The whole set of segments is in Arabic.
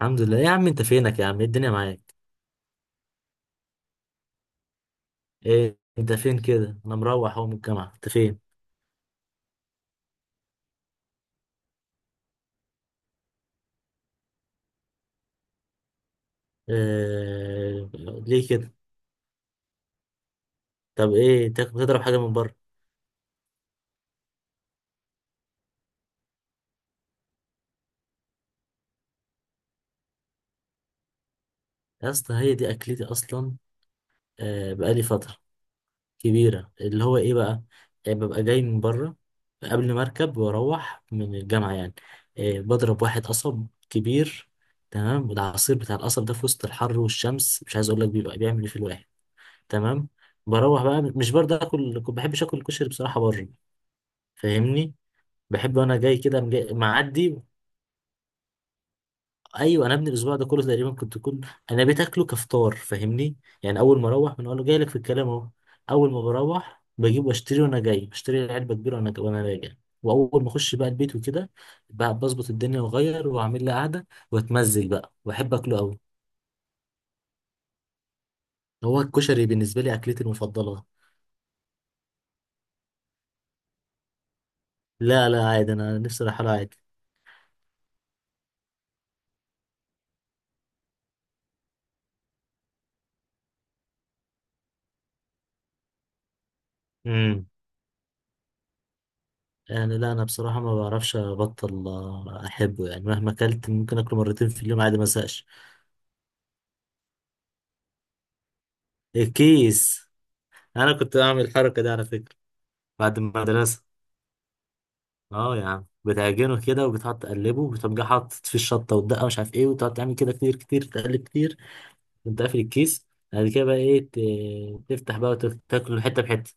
الحمد لله. إيه يا عم؟ انت فينك يا عم؟ ايه الدنيا معاك؟ ايه انت فين كده؟ انا مروح اهو من الجامعه، انت فين؟ إيه... ليه كده؟ طب ايه تاكل؟ تضرب حاجه من بره؟ يا اسطى هي دي اكلتي اصلا. آه، بقالي فتره كبيره اللي هو ايه بقى. إيه، ببقى جاي من بره قبل ما اركب واروح من الجامعه يعني. إيه، بضرب واحد قصب كبير. تمام، العصير بتاع القصب ده في وسط الحر والشمس مش عايز اقول لك بيبقى بيعمل ايه في الواحد. تمام. بروح بقى مش برضه اكل، ما بحبش اكل الكشري بصراحه بره، فاهمني؟ بحب انا جاي كده أقوم جاي معدي. ايوه، انا ابني الاسبوع ده كله تقريبا كنت كل. انا بتاكله كفطار، فاهمني؟ يعني اول ما اروح بنقول له جاي لك في الكلام اهو. اول ما بروح بجيب واشتري، وانا جاي بشتري علبه كبيره، وانا راجع. واول ما اخش بقى البيت وكده بقى بظبط الدنيا واغير واعمل لي قعده واتمزج بقى، واحب اكله قوي. هو الكشري بالنسبه لي اكلتي المفضله. لا لا عادي، انا نفسي رايحه له عادي. امم يعني لا، انا بصراحه ما بعرفش ابطل، احبه، يعني مهما اكلت ممكن اكله مرتين في اليوم عادي ما ازهقش. الكيس، انا كنت بعمل الحركه دي على فكره بعد المدرسه. اه يا عم، بتعجنه كده وبتقعد تقلبه وبتقوم جاي حاطط فيه الشطه والدقه ومش عارف ايه وتقعد تعمل كده كتير كتير، تقلب كتير وانت قافل الكيس. بعد كده بقى ايه، تفتح بقى وتاكل حته بحته.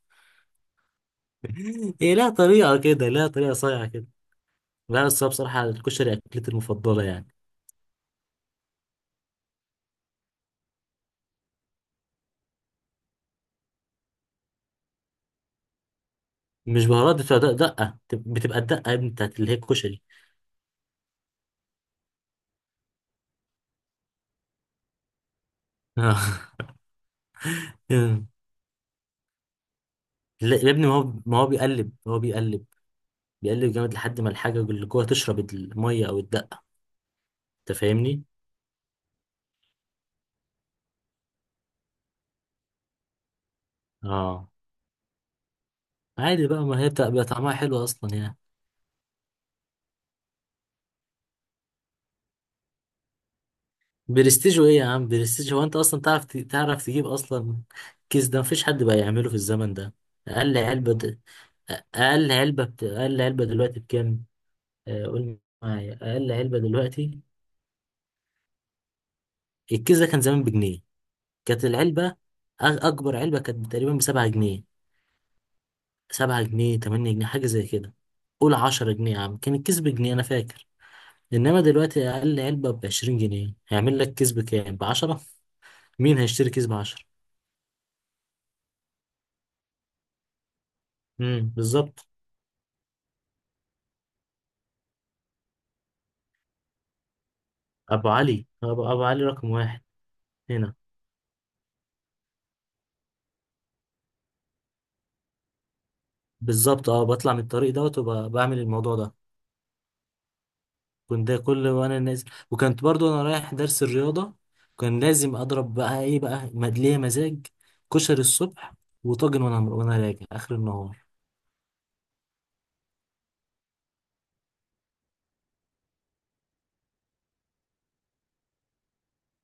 هي لها طريقه كده، لها طريقه صايعه كده. لا بس هو بصراحه الكشري اكلتي المفضله يعني. مش بهارات، دقة بتبقى الدقة يا ابني بتاعت اللي هي الكشري. آه. لا يا ابني، ما هو بيقلب. بيقلب جامد لحد ما الحاجة اللي جوه تشرب المية أو الدقة، أنت فاهمني؟ اه. عادي بقى، ما هي بتبقى بيبقى طعمها حلو أصلا يعني. برستيج إيه يا عم؟ برستيج، هو أنت أصلا تعرف تعرف تجيب أصلا؟ كيس ده مفيش حد بقى يعمله في الزمن ده. أقل علبة د- أقل علبة دلوقتي بكام؟ قول معايا أقل علبة دلوقتي. الكيس ده كان زمان بجنيه. كانت العلبة أ- أكبر علبة كانت تقريبا ب7 جنيه، 7 جنيه 8 جنيه حاجة زي كده. قول 10 جنيه يا عم، كان الكيس بجنيه أنا فاكر. إنما دلوقتي أقل علبة ب20 جنيه، هيعمل لك كيس بكام؟ ب10. مين هيشتري كيس ب10؟ بالظبط. أبو علي أبو علي رقم واحد، هنا. بالظبط، أه بطلع من الطريق دوت وبعمل الموضوع ده. كنت ده كل وانا نازل. وكنت برضو انا رايح درس الرياضة، كان لازم اضرب بقى ايه بقى مدلية مزاج، كشري الصبح، وطاجن وانا راجع اخر النهار.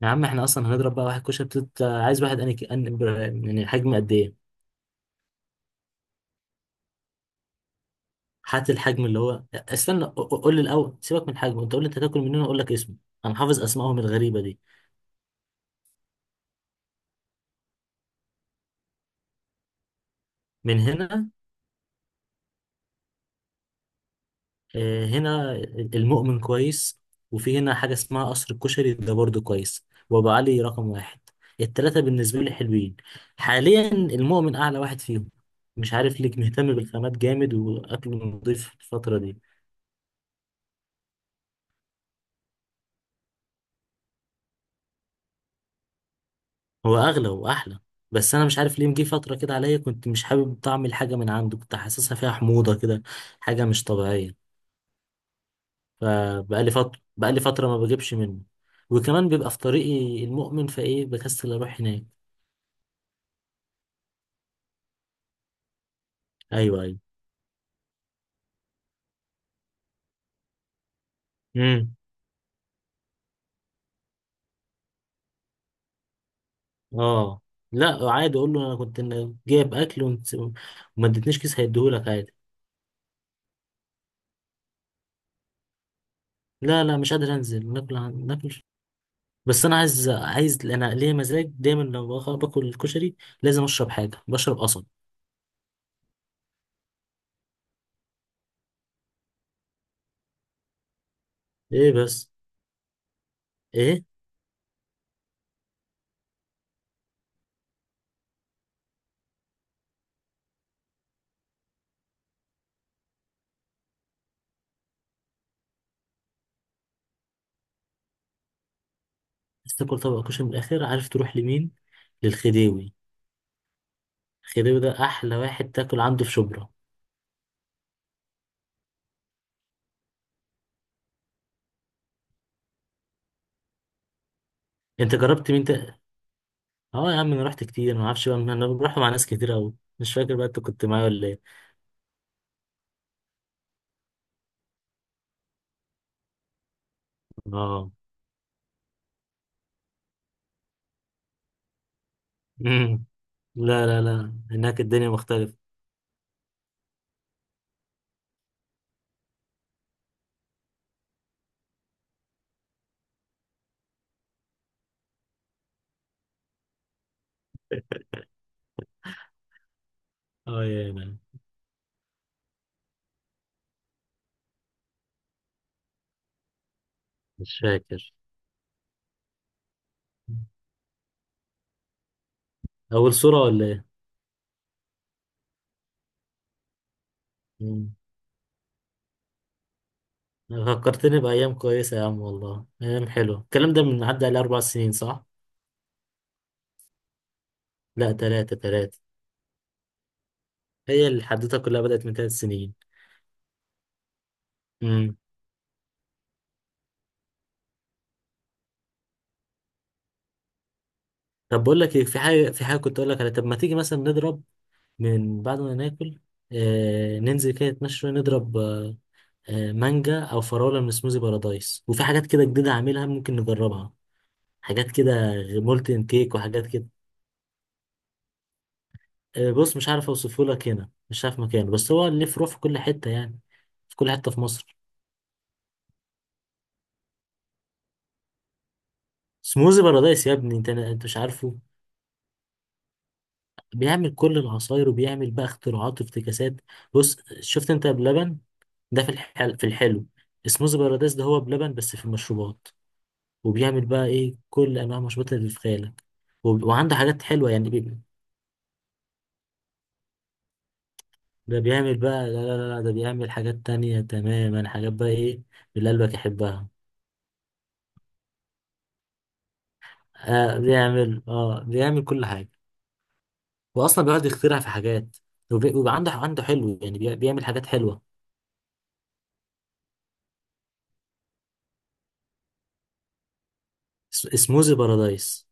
يا عم، احنا اصلا هنضرب بقى واحد كشري عايز واحد انا، يعني حجم قد ايه؟ هات الحجم اللي هو، استنى، قول لي الاول، سيبك من الحجم، انت قول لي انت هتاكل منين اقول لك اسمه. انا حافظ اسمائهم الغريبة دي. من هنا، هنا. المؤمن كويس، وفي هنا حاجة اسمها قصر الكشري ده برضه كويس، وأبو علي رقم واحد. التلاتة بالنسبة لي حلوين. حاليا المؤمن أعلى واحد فيهم، مش عارف ليك، مهتم بالخامات جامد وأكله نضيف الفترة دي. هو أغلى وأحلى. بس أنا مش عارف ليه مجي فترة كده عليا كنت مش حابب طعم الحاجة من عنده، كنت حاسسها فيها حموضة كده، حاجة مش طبيعية. فبقالي فترة، بقالي فترة ما بجيبش منه. وكمان بيبقى في طريقي المؤمن فإيه بكسل أروح هناك. أيوه أيوه. امم اه. لا عادي، اقول له انا كنت جايب اكل وما ادتنيش كيس، هيديهولك عادي. لا لا مش قادر انزل ناكل ناكل. بس انا عايز انا ليا مزاج دايما لما باكل الكشري لازم اشرب حاجه، بشرب قصب. ايه بس؟ ايه بس تاكل طبق كشري من الاخر؟ عارف تروح لمين؟ للخديوي. الخديوي ده احلى واحد تاكل عنده في شبرا. انت جربت مين؟ اه يا عم، انا رحت كتير، ما اعرفش بقى، انا رحت مع ناس كتير قوي، مش فاكر بقى انت كنت معايا ولا ايه. اه. مم. لا لا لا، هناك الدنيا مختلفة. اه يا مان. مش فاكر. أول صورة ولا إيه؟ مم. فكرتني بأيام كويسة يا عم، والله أيام حلوة. الكلام ده من عدى عليه 4 سنين صح؟ لا، تلاتة تلاتة. هي الحدوتة كلها بدأت من 3 سنين. مم. طب بقول لك إيه، في حاجة، في حاجة كنت أقول لك على، طب ما تيجي مثلا نضرب من بعد ما ناكل، آه ننزل كده نتمشى شوية نضرب آه، مانجا أو فراولة من سموزي بارادايس، وفي حاجات كده جديدة هعملها ممكن نجربها، حاجات كده، مولتن كيك وحاجات كده. بص مش عارف اوصفه لك هنا، مش عارف مكانه، بس هو ليه فروع في كل حته يعني، في كل حته في مصر. سموزي بارادايس يا ابني، انت مش عارفه. بيعمل كل العصاير، وبيعمل بقى اختراعات وافتكاسات. بص، شفت انت بلبن؟ ده في الحلو. سموزي بارادايس ده هو بلبن بس في المشروبات. وبيعمل بقى ايه كل انواع المشروبات اللي في خيالك. وعنده حاجات حلوه يعني. ده بيعمل بقى، لا لا لا لا، ده بيعمل حاجات تانية تماما، حاجات بقى ايه اللي قلبك يحبها. آه بيعمل، اه بيعمل كل حاجة، وأصلا بيقعد يخترع في حاجات، وبيبقى عنده حلو يعني بيعمل حاجات حلوة. سموزي بارادايس،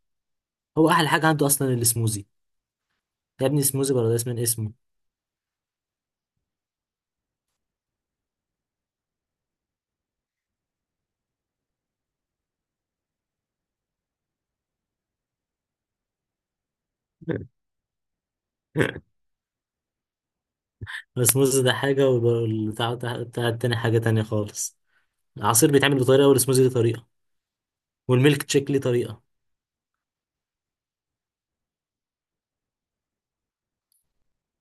هو أحلى حاجة عنده أصلا السموزي. يا ابني سموزي بارادايس من اسمه. السموزي ده حاجة والبتاع بتاع التاني حاجة تانية خالص. العصير بيتعمل بطريقة، والسموزي ليه طريقة، والميلك تشيك ليه طريقة.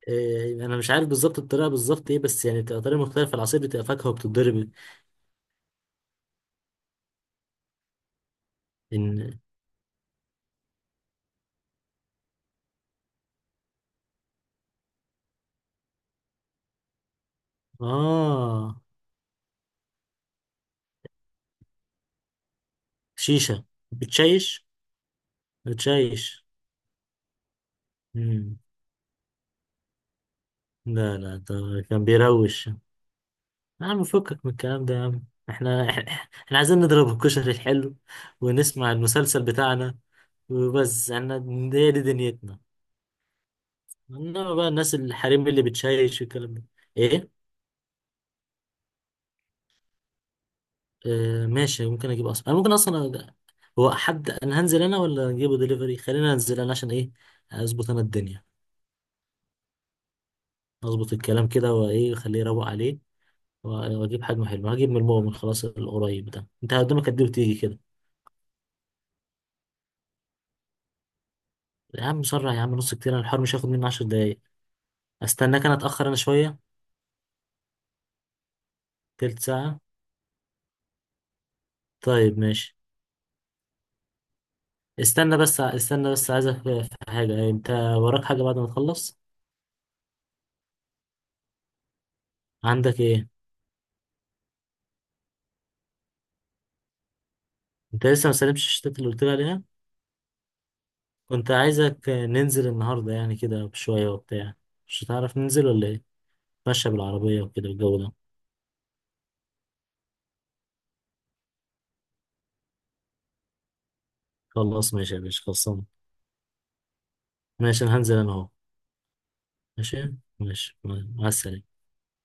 إيه، أنا مش عارف بالظبط الطريقة بالظبط إيه، بس يعني بتبقى طريقة مختلفة، العصير بتبقى فاكهة وبتتضرب. إن آه شيشة. بتشيش. بتشيش. مم. لا لا ده كان بيروش. يا عم فكك من الكلام ده يا عم. احنا احنا عايزين نضرب الكشري الحلو ونسمع المسلسل بتاعنا وبس. احنا هي دي دنيتنا. انما بقى الناس الحريم اللي بتشيش والكلام ده. ايه. اه ماشي، ممكن اجيب اصلا، انا ممكن اصلا هو حد، انا هنزل انا ولا اجيبه دليفري؟ خلينا انزل انا، عشان ايه، اظبط انا الدنيا، اظبط الكلام كده، وايه خليه يروق عليه، و- واجيب حجمه حلو، هجيب من المؤمن خلاص القريب ده، انت قدامك قد ايه وتيجي كده. يا عم سرع يا عم، نص كتير، أنا الحوار مش هياخد مني 10 دقايق، استناك انا اتأخر انا شوية. تلت ساعة طيب ماشي. استنى بس، استنى بس عايزك في حاجة، انت وراك حاجة بعد ما تخلص؟ عندك ايه؟ انت لسه ما سلمتش الشتات اللي قلت لي عليها؟ كنت عايزك ننزل النهاردة يعني كده بشوية وبتاع، مش هتعرف ننزل ولا ايه؟ ماشية بالعربية وكده الجو ده. خلاص ماشي يا باشا خلصان. ماشي، انا هنزل انا اهو. ماشي ماشي، مع السلامة.